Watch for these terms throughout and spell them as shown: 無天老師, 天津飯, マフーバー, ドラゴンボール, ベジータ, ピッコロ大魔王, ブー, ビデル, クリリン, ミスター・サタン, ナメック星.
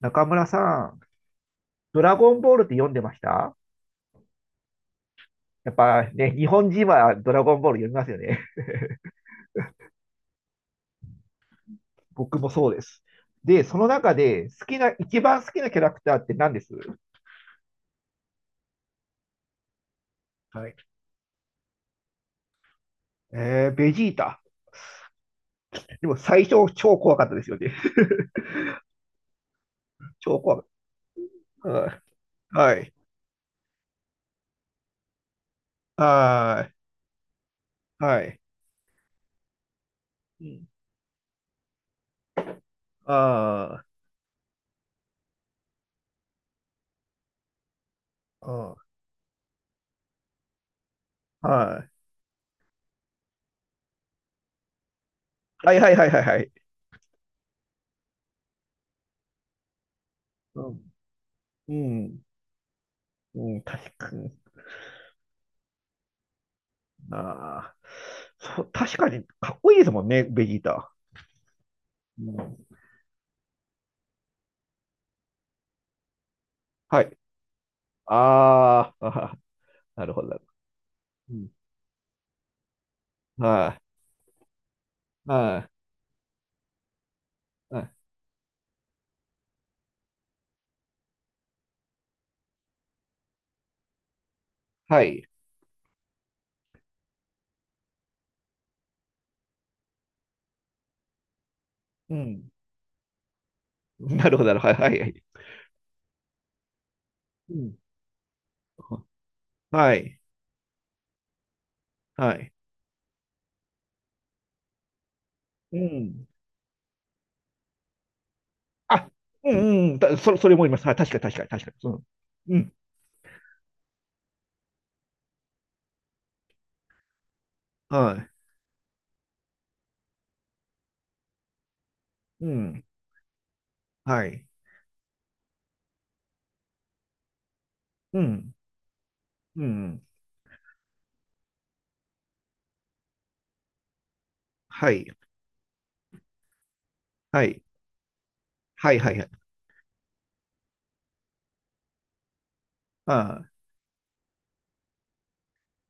中村さん、ドラゴンボールって読んでました？やっぱね、日本人はドラゴンボール読みますよね。僕もそうです。で、その中で好きな、一番好きなキャラクターって何です？はい。えー、ベジータ。でも最初超怖かったですよね。超怖かった。うん。はい。はい。はい。うん。あー。あー、はい。はいはいはいはいはい。うん。うん。うん、確かに。ああ。そう、確かに、かっこいいですもんね、ベジータ。うん。はい。ああ、あはは。なるほど、なるほど。うん。はい、はい、はい、はい。うん。なるほど、なるほど。はい、はい。うん。はい、はい。うん。あ、うん、うん。それもいます。はい、確かに、確かに、確かに。うん。うん。はい。うん。はい。うん。うん。はい。はい。はい、はい、はい。あ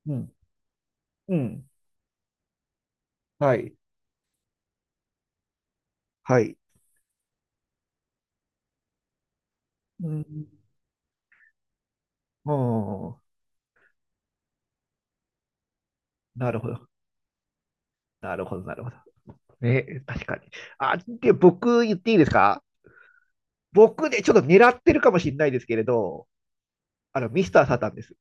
ー。うん。うん。はい。はい。うん。おー、なるほど。なるほど、なるほど。ね、確かに。あ、で、僕言っていいですか？僕ね、ちょっと狙ってるかもしれないですけれど、ミスター・サタンです。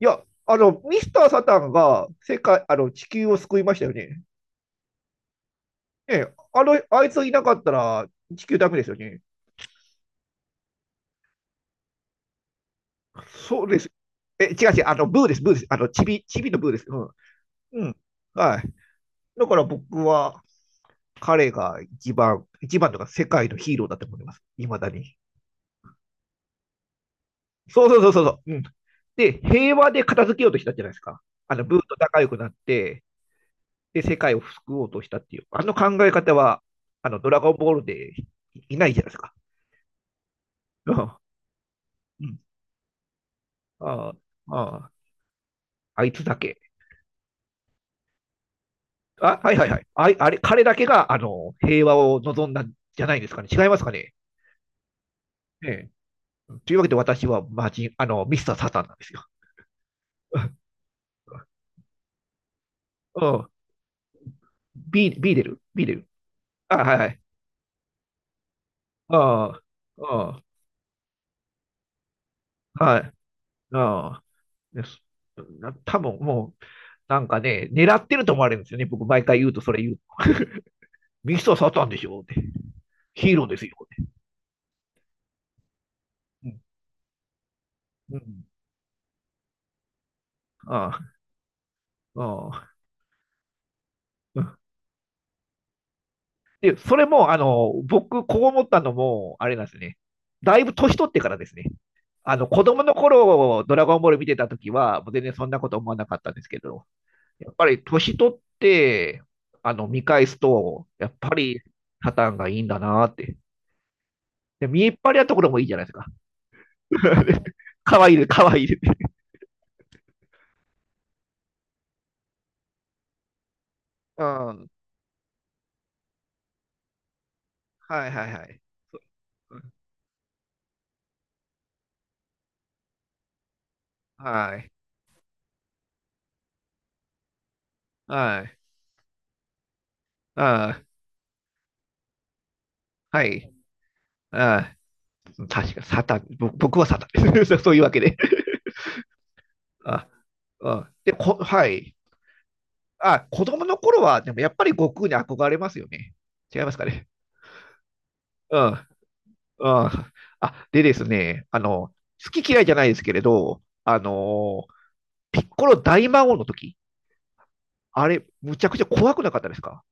いや、ミスター・サタンが世界、地球を救いましたよね。ね、あいついなかったら地球ダメですよね。そうです。え、違う違う、ブーです、ブーです。チビのブーです。うん。うん。はい。だから僕は、彼が一番とか世界のヒーローだと思います。いまだに。そうそうそうそう。うん。で、平和で片付けようとしたじゃないですか。ブーと仲良くなって、で世界を救おうとしたっていう、あの考え方は、ドラゴンボールでいないじゃないですか。うん。うん。ああ、あいつだけ。あ、はいはいはい。ああれ、彼だけが、平和を望んだんじゃないですかね。違いますかね。ええ。というわけで私はマジミスターサタンなんですよ。うん。ビー、ビデル、ビーデル。あ、はいはい。ああ、ああ、はい。ああ、です。多分もう、なんかね、狙ってると思われるんですよね。僕、毎回言うと、それ言うと。ミスターサタンでしょって。ヒーローですよって。うん。ああ、ああ。うん。で、それも、僕、こう思ったのも、あれなんですね。だいぶ年取ってからですね。子供の頃、ドラゴンボール見てた時は、もう全然そんなこと思わなかったんですけど、やっぱり年取って、見返すと、やっぱり、サタンがいいんだなって。で、見えっ張りなところもいいじゃないですか。かわいいです、かわいいです。うん。はいはいはい。はい。はい。ああ、はい。ああ、確か、サタン、僕はサタンです。そういうわけで。ああ、で、はい。あ、子供の頃は、でもやっぱり悟空に憧れますよね。違いますかね。うん、うん。あ、でですね、好き嫌いじゃないですけれど、ピッコロ大魔王の時、あれ、むちゃくちゃ怖くなかったですか？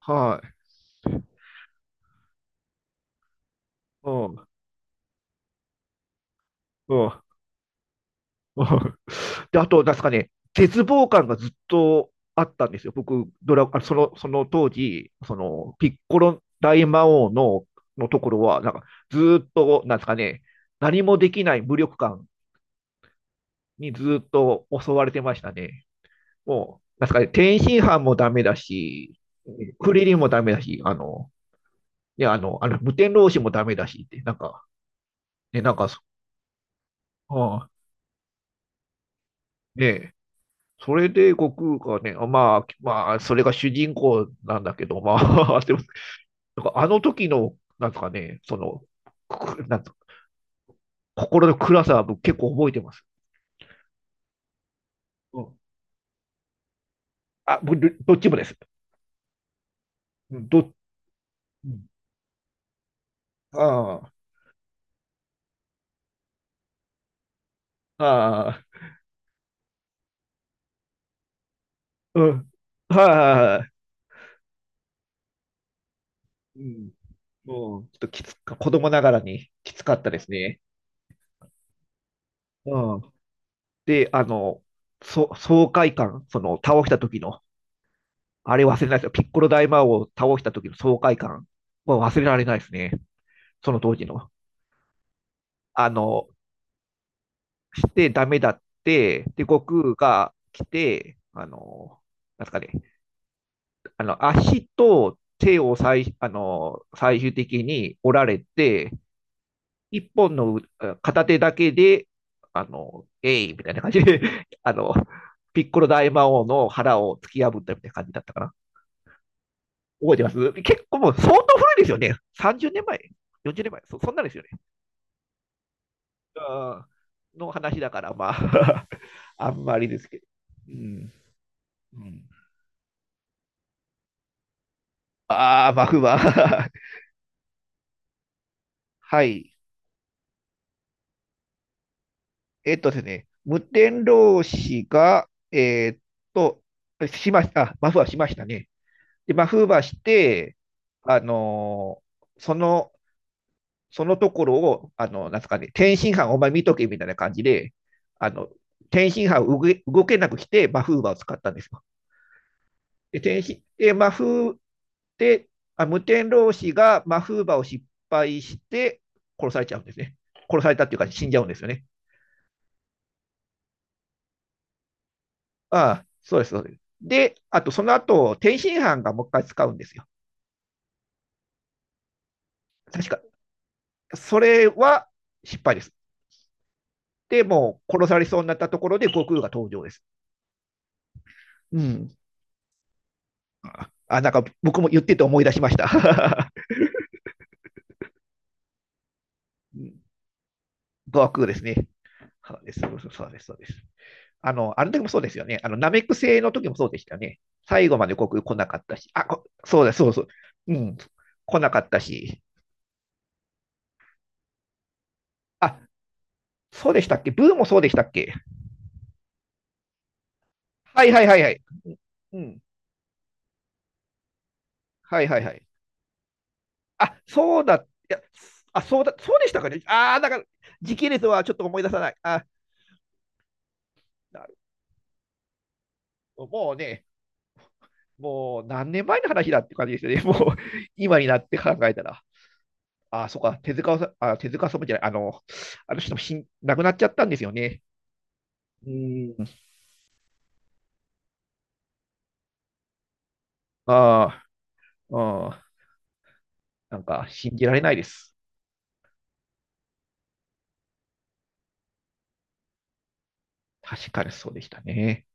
はい。うん、うん。うん。で、あと、なんですかね、絶望感がずっとあったんですよ。僕、あそのその当時、ピッコロ大魔王のところは、なんか、ずっと、なんですかね、何もできない無力感にずっと襲われてましたね。もう、なんですかね、天津飯もダメだし、クリリンもダメだし、無天老師もダメだしって、なんか、ね、なんか、うん、ね、それで悟空がね、まあ、まあ、それが主人公なんだけど、まあ、でも、なんかあの時の、なんかね、なんか心の暗さは僕結構覚えてます。うん、あ、僕どっちもです。ど、ああ、ああ、うん、はい、うん、もうんちょっときつか、子供ながらにきつかったですね。うん、で、爽快感、その倒した時の、あれ忘れないですよ。ピッコロ大魔王を倒した時の爽快感は忘れられないですね。その当時の。あの、してダメだって、で、悟空が来て、なんすかね、足と手を最、あの、最終的に折られて、一本の片手だけで、えいみたいな感じで、あの、ピッコロ大魔王の腹を突き破ったみたいな感じだったかな。覚えてます結構もう相当古いですよね。30年前、40年前、そんなんですよね。あの話だから、まあ、あんまりですけど。うん。うん、ああ、まあ、不満。はい。えっとですね、無天老師が、と、しました、あ、マフはしましたね。で、マフはして、あのーそのそのところを、なんすかね、天津飯お前見とけみたいな感じで、あの、天津飯を動けなくして、マフーバーを使ったんですよ。で、天津、で、マフーで、あ無天老師がマフーバーを失敗して、殺されちゃうんですね。殺されたっていうか、死んじゃうんですよね。ああ、そうです、そうです。で、あとその後、天津飯がもう一回使うんですよ。確か。それは失敗です。で、もう殺されそうになったところで悟空が登場です。うん。あ、なんか僕も言ってて思い出しました。語ーですね。そうです、そうです、そうです。あの時もそうですよね。ナメック星の時もそうでしたよね。最後まで国来なかったし、あ、そうだ、そうそう。うん、来なかったし。あ、そうでしたっけ？ブーもそうでしたっけ？はいはいはいはい。うん、はいはいはい。あ、そうだ、いや、あ、そうだ、そうでしたかね。ああ、だから、時系列はちょっと思い出さない。あ、なるほどもうね、もう何年前の話だって感じですよね。もう今になって考えたら。ああ、そっか、手塚さん、あ、手塚さんじゃない、あの人も亡くなっちゃったんですよね。うーん。ああ、うん、なんか信じられないです。確かにそうでしたね。